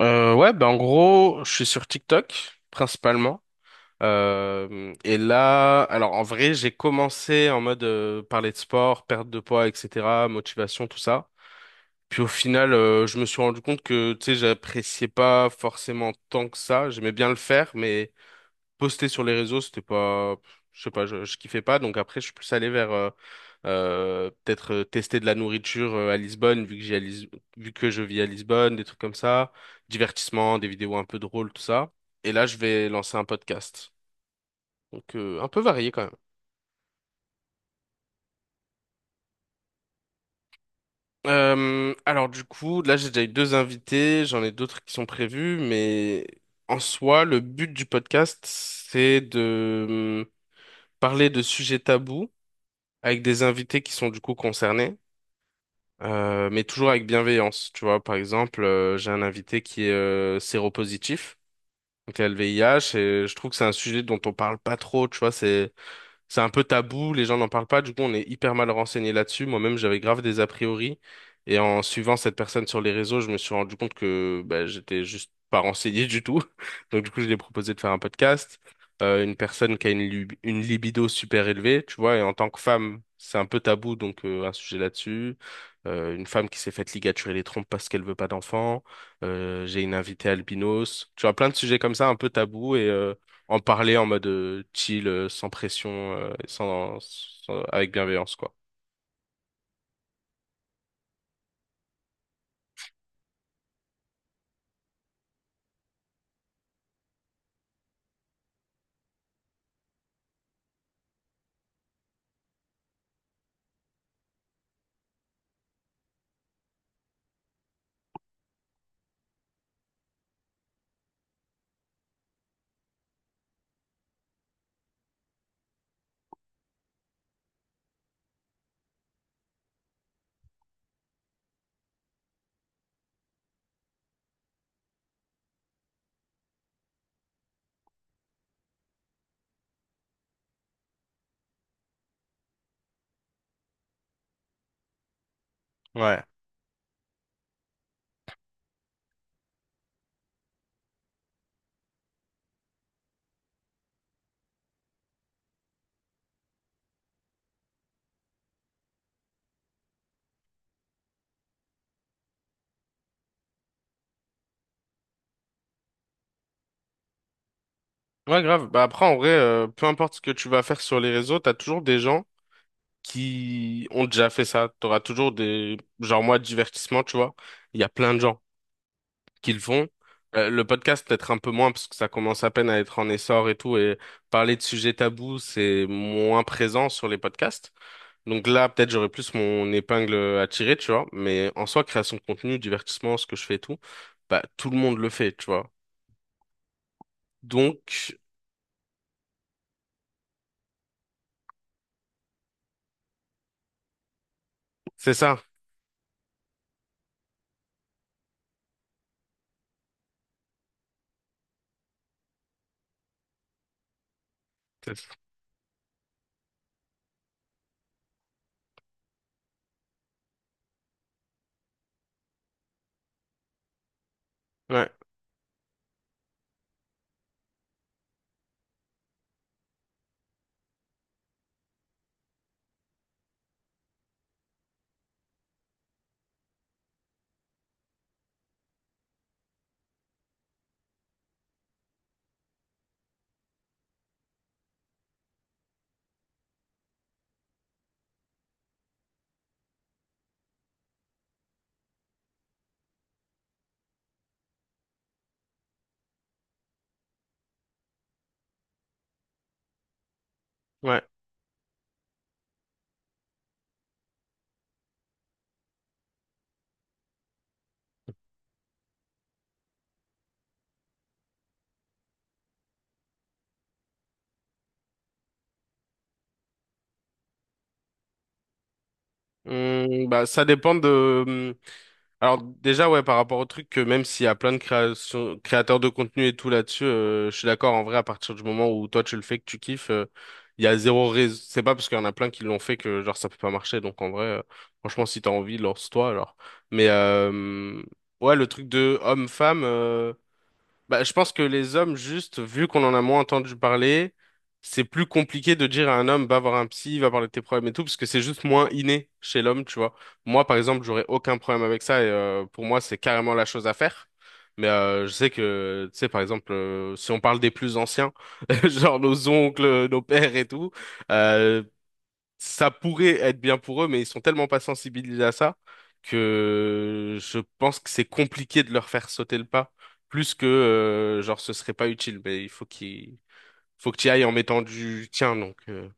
Ouais, ben en gros, je suis sur TikTok principalement. Et là, alors en vrai, j'ai commencé en mode parler de sport, perte de poids, etc., motivation, tout ça. Puis au final, je me suis rendu compte que tu sais, j'appréciais pas forcément tant que ça. J'aimais bien le faire, mais poster sur les réseaux, c'était pas, je sais pas, je kiffais pas. Donc après, je suis plus allé vers peut-être tester de la nourriture à Lisbonne, vu que je vis à Lisbonne, des trucs comme ça, divertissement, des vidéos un peu drôles, tout ça. Et là, je vais lancer un podcast. Un peu varié quand même. Alors du coup, là j'ai déjà eu deux invités, j'en ai d'autres qui sont prévus, mais en soi, le but du podcast, c'est de parler de sujets tabous avec des invités qui sont du coup concernés. Mais toujours avec bienveillance. Tu vois, par exemple, j'ai un invité qui est séropositif, donc il a le VIH, et je trouve que c'est un sujet dont on parle pas trop. Tu vois, c'est un peu tabou, les gens n'en parlent pas, du coup on est hyper mal renseigné là-dessus. Moi-même j'avais grave des a priori et en suivant cette personne sur les réseaux, je me suis rendu compte que bah, j'étais juste pas renseigné du tout. Donc du coup je lui ai proposé de faire un podcast. Une personne qui a une libido super élevée, tu vois, et en tant que femme, c'est un peu tabou, donc un sujet là-dessus. Une femme qui s'est faite ligaturer les trompes parce qu'elle veut pas d'enfant. J'ai une invitée albinos. Tu vois, plein de sujets comme ça, un peu tabou. En parler en mode chill, sans pression, avec bienveillance, quoi. Ouais. Ouais, grave. Bah après, en vrai, peu importe ce que tu vas faire sur les réseaux, t'as toujours des gens qui ont déjà fait ça. T'auras toujours des... Genre moi, divertissement, tu vois. Il y a plein de gens qui le font. Le podcast, peut-être un peu moins, parce que ça commence à peine à être en essor et tout. Et parler de sujets tabous, c'est moins présent sur les podcasts. Donc là, peut-être j'aurais plus mon épingle à tirer, tu vois. Mais en soi, création de contenu, divertissement, ce que je fais et tout, bah tout le monde le fait, tu vois. Donc c'est ça. C'est- Ouais, ouais. Bah ça dépend de alors déjà ouais par rapport au truc que même s'il y a plein de créations, créateurs de contenu et tout là-dessus, je suis d'accord en vrai à partir du moment où toi tu le fais que tu kiffes, il y a zéro raison. C'est pas parce qu'il y en a plein qui l'ont fait que genre ça peut pas marcher. Donc en vrai, franchement si t'as envie lance-toi alors. Mais euh, ouais le truc de homme-femme. Bah, je pense que les hommes, juste, vu qu'on en a moins entendu parler, c'est plus compliqué de dire à un homme, va voir un psy, va parler de tes problèmes et tout, parce que c'est juste moins inné chez l'homme, tu vois. Moi, par exemple, j'aurais aucun problème avec ça, et pour moi, c'est carrément la chose à faire. Je sais que, tu sais, par exemple, si on parle des plus anciens, genre nos oncles, nos pères et tout, euh, ça pourrait être bien pour eux, mais ils sont tellement pas sensibilisés à ça que je pense que c'est compliqué de leur faire sauter le pas, plus que genre ce serait pas utile. Mais il faut qu'il faut que tu ailles en mettant du tien, donc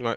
ouais.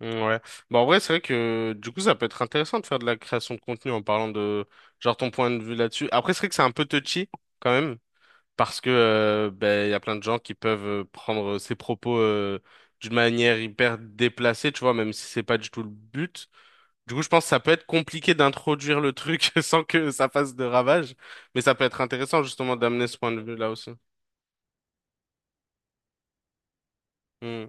Mmh, Ouais. Bah en vrai, c'est vrai que du coup, ça peut être intéressant de faire de la création de contenu en parlant de genre ton point de vue là-dessus. Après, c'est vrai que c'est un peu touchy quand même. Parce que ben, il y a plein de gens qui peuvent prendre ses propos d'une manière hyper déplacée, tu vois, même si c'est pas du tout le but. Du coup, je pense que ça peut être compliqué d'introduire le truc sans que ça fasse de ravages, mais ça peut être intéressant justement d'amener ce point de vue-là aussi. Hmm.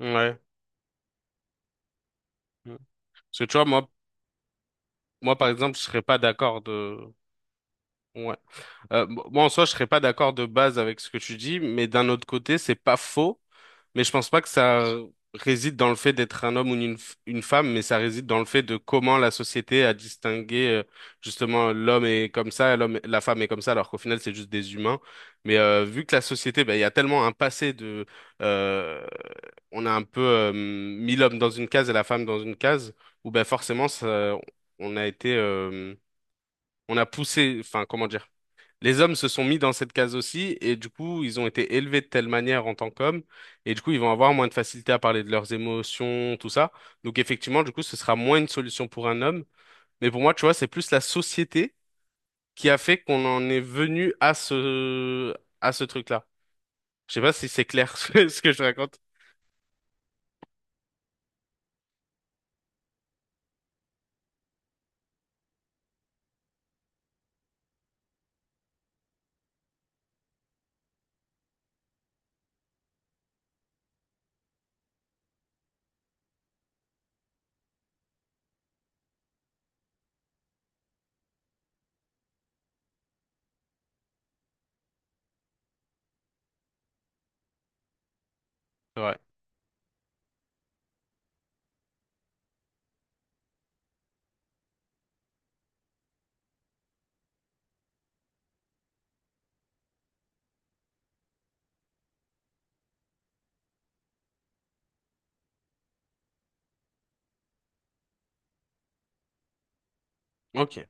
Ouais. Hmm. Parce que tu vois, moi, moi par exemple, je serais pas d'accord de. Ouais. Bon, moi, en soi, je serais pas d'accord de base avec ce que tu dis, mais d'un autre côté, c'est pas faux. Mais je pense pas que ça réside dans le fait d'être un homme ou une femme, mais ça réside dans le fait de comment la société a distingué justement l'homme est comme ça, l'homme, la femme est comme ça, alors qu'au final, c'est juste des humains. Vu que la société, ben, il y a tellement un passé de, euh, on a un peu mis l'homme dans une case et la femme dans une case, où ben forcément, ça, on a été, euh, on a poussé, enfin, comment dire les hommes se sont mis dans cette case aussi, et du coup, ils ont été élevés de telle manière en tant qu'hommes, et du coup, ils vont avoir moins de facilité à parler de leurs émotions, tout ça. Donc, effectivement, du coup, ce sera moins une solution pour un homme. Mais pour moi, tu vois, c'est plus la société qui a fait qu'on en est venu à ce truc-là. Je sais pas si c'est clair ce que je raconte. Ouais. Ok.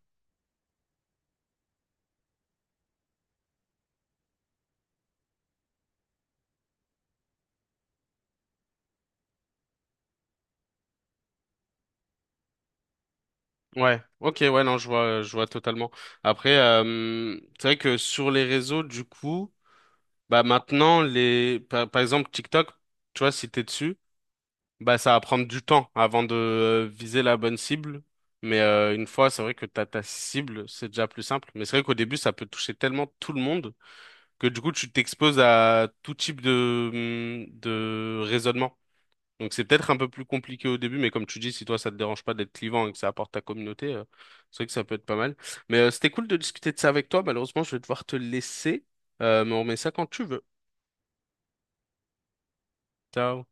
Ouais. Ok. Ouais. Non, je vois totalement. Après, c'est vrai que sur les réseaux, du coup, bah maintenant par exemple TikTok, tu vois, si t'es dessus. Bah, ça va prendre du temps avant de viser la bonne cible. Une fois, c'est vrai que t'as ta cible, c'est déjà plus simple. Mais c'est vrai qu'au début, ça peut toucher tellement tout le monde que du coup, tu t'exposes à tout type de, de raisonnement. Donc c'est peut-être un peu plus compliqué au début, mais comme tu dis, si toi, ça te dérange pas d'être clivant et que ça apporte ta communauté, c'est vrai que ça peut être pas mal. C'était cool de discuter de ça avec toi. Malheureusement, je vais devoir te laisser. Mais on remet ça quand tu veux. Ciao.